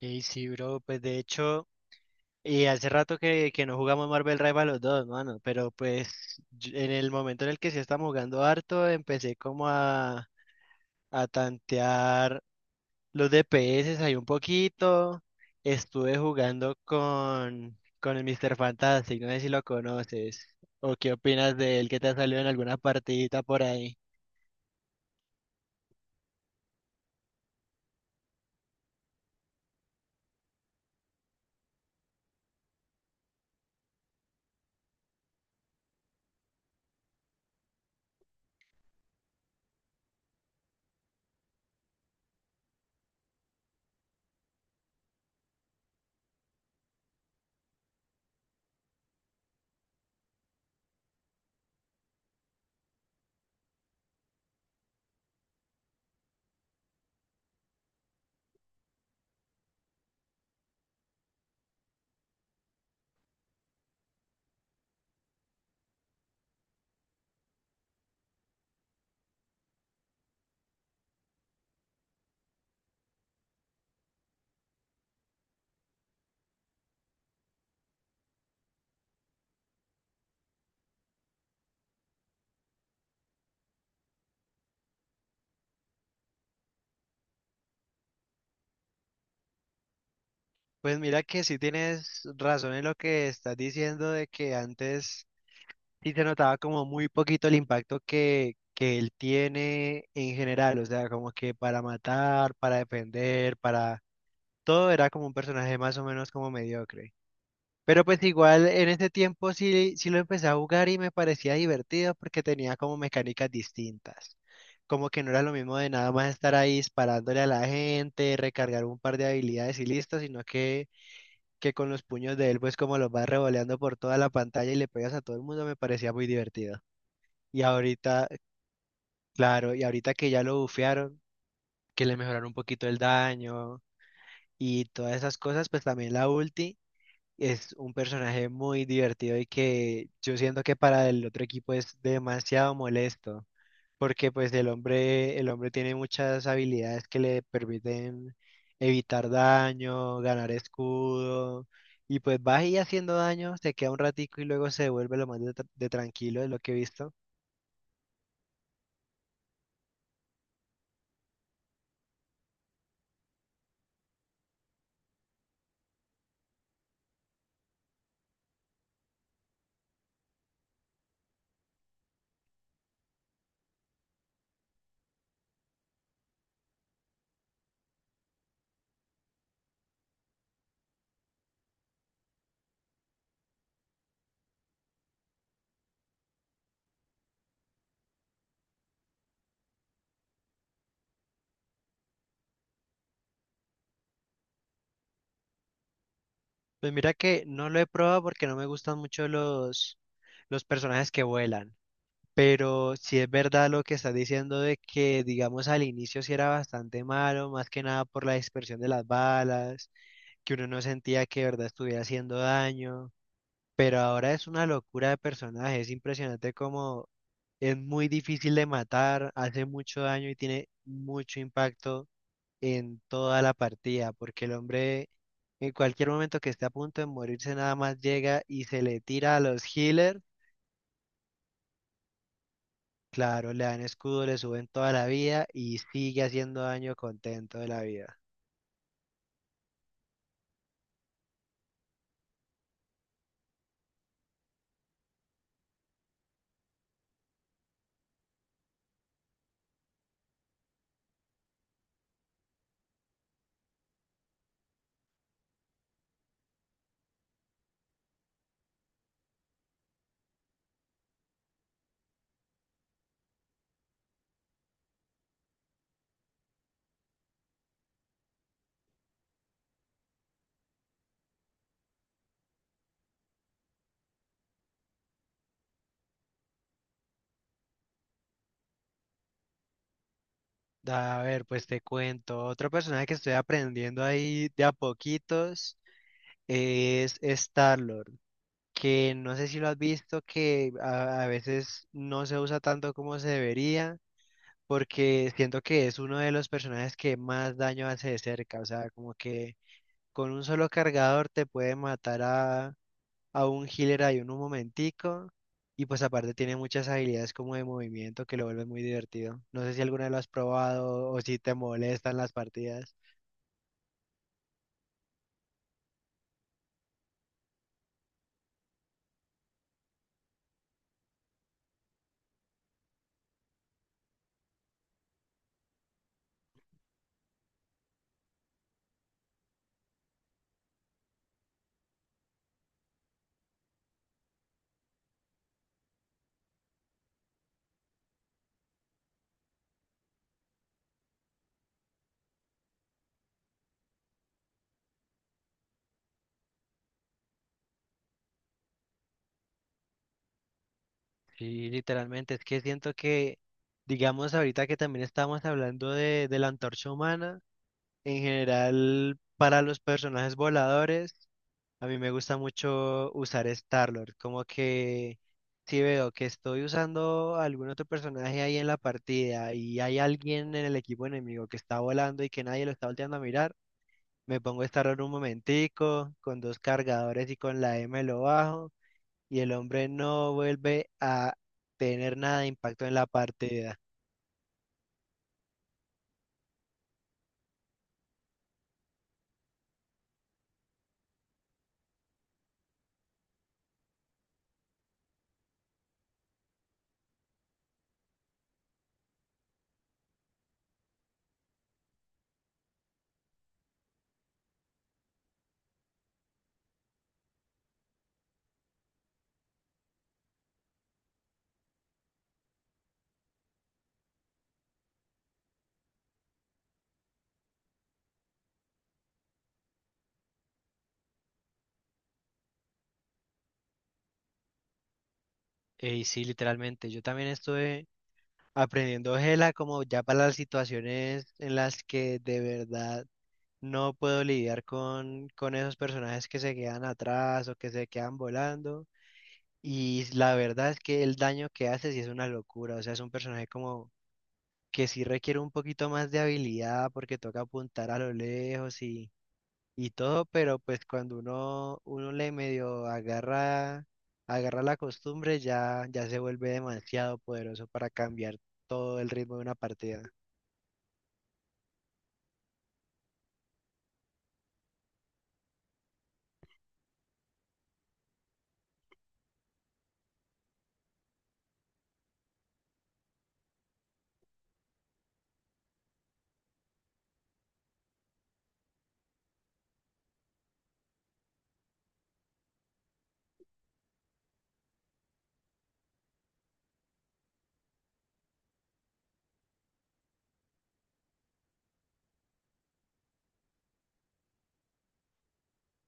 Y sí, bro, pues de hecho, y hace rato que no jugamos Marvel Rival los dos, mano, pero pues en el momento en el que sí estamos jugando harto, empecé a tantear los DPS ahí un poquito, estuve jugando con el Mr. Fantastic, no sé si lo conoces, o qué opinas de él que te ha salido en alguna partidita por ahí. Pues mira que sí tienes razón en lo que estás diciendo de que antes Y se notaba como muy poquito el impacto que él tiene en general, o sea, como que para matar, para defender, para... Todo era como un personaje más o menos como mediocre. Pero pues igual en ese tiempo sí, sí lo empecé a jugar y me parecía divertido porque tenía como mecánicas distintas. Como que no era lo mismo de nada más estar ahí disparándole a la gente, recargar un par de habilidades y listo, que con los puños de él pues como los vas revoleando por toda la pantalla y le pegas a todo el mundo me parecía muy divertido. Y ahorita, claro, y ahorita que ya lo bufearon, que le mejoraron un poquito el daño y todas esas cosas, pues también la ulti es un personaje muy divertido y que yo siento que para el otro equipo es demasiado molesto, porque pues el hombre tiene muchas habilidades que le permiten evitar daño, ganar escudo, y pues va ahí haciendo daño, se queda un ratico y luego se vuelve lo más de tranquilo, es lo que he visto. Pues mira que no lo he probado porque no me gustan mucho los personajes que vuelan, pero sí es verdad lo que estás diciendo de que, digamos, al inicio sí era bastante malo, más que nada por la dispersión de las balas, que uno no sentía que de verdad estuviera haciendo daño, pero ahora es una locura de personaje, es impresionante como es muy difícil de matar, hace mucho daño y tiene mucho impacto en toda la partida, porque el hombre en cualquier momento que esté a punto de morirse nada más llega y se le tira a los healers, claro, le dan escudo, le suben toda la vida y sigue haciendo daño contento de la vida. A ver, pues te cuento, otro personaje que estoy aprendiendo ahí de a poquitos es Starlord, que no sé si lo has visto, que a veces no se usa tanto como se debería porque siento que es uno de los personajes que más daño hace de cerca, o sea, como que con un solo cargador te puede matar a un healer ahí en un momentico, y pues aparte tiene muchas habilidades como de movimiento que lo vuelve muy divertido. No sé si alguna vez lo has probado o si te molestan las partidas. Sí, literalmente, es que siento que, digamos, ahorita que también estamos hablando de la antorcha humana, en general, para los personajes voladores, a mí me gusta mucho usar Starlord, como que si veo que estoy usando algún otro personaje ahí en la partida y hay alguien en el equipo enemigo que está volando y que nadie lo está volteando a mirar, me pongo Starlord un momentico, con dos cargadores y con la M lo bajo, y el hombre no vuelve a tener nada de impacto en la partida. Y sí, literalmente, yo también estuve aprendiendo Gela como ya para las situaciones en las que de verdad no puedo lidiar con esos personajes que se quedan atrás o que se quedan volando. Y la verdad es que el daño que hace sí es una locura. O sea, es un personaje como que sí requiere un poquito más de habilidad porque toca apuntar a lo lejos y todo, pero pues uno le medio agarra, agarra la costumbre, ya se vuelve demasiado poderoso para cambiar todo el ritmo de una partida.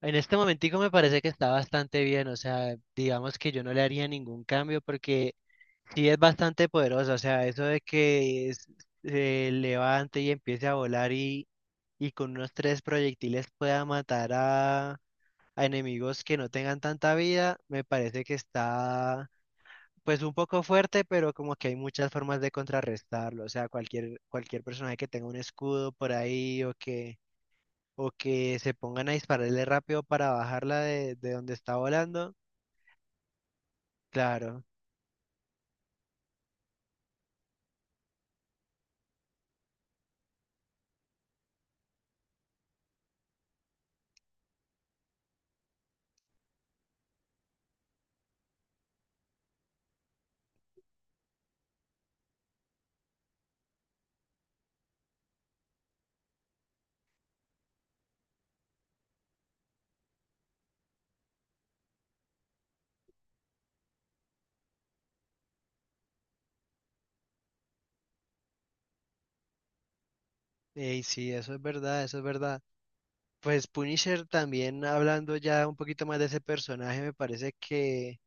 En este momentico me parece que está bastante bien, o sea, digamos que yo no le haría ningún cambio porque sí es bastante poderosa, o sea, eso de se levante y empiece a volar y con unos tres proyectiles pueda matar a enemigos que no tengan tanta vida, me parece que está pues un poco fuerte, pero como que hay muchas formas de contrarrestarlo, o sea, cualquier personaje que tenga un escudo por ahí o que se pongan a dispararle rápido para bajarla de donde está volando. Claro, y sí, eso es verdad, eso es verdad. Pues Punisher también, hablando ya un poquito más de ese personaje, me parece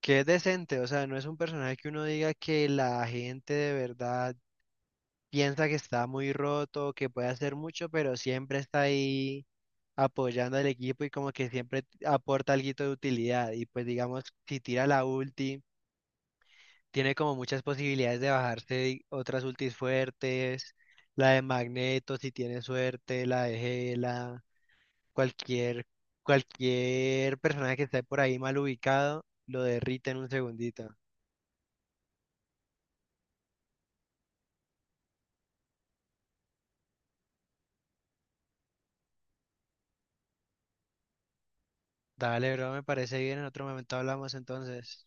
que es decente, o sea, no es un personaje que uno diga que la gente de verdad piensa que está muy roto, que puede hacer mucho, pero siempre está ahí apoyando al equipo y como que siempre aporta algo de utilidad. Y pues digamos, si tira la ulti, tiene como muchas posibilidades de bajarse otras ultis fuertes, la de Magneto si tiene suerte, la de Gela, cualquier, cualquier personaje que esté por ahí mal ubicado, lo derrite en un segundito. Dale, bro, me parece bien, en otro momento hablamos entonces.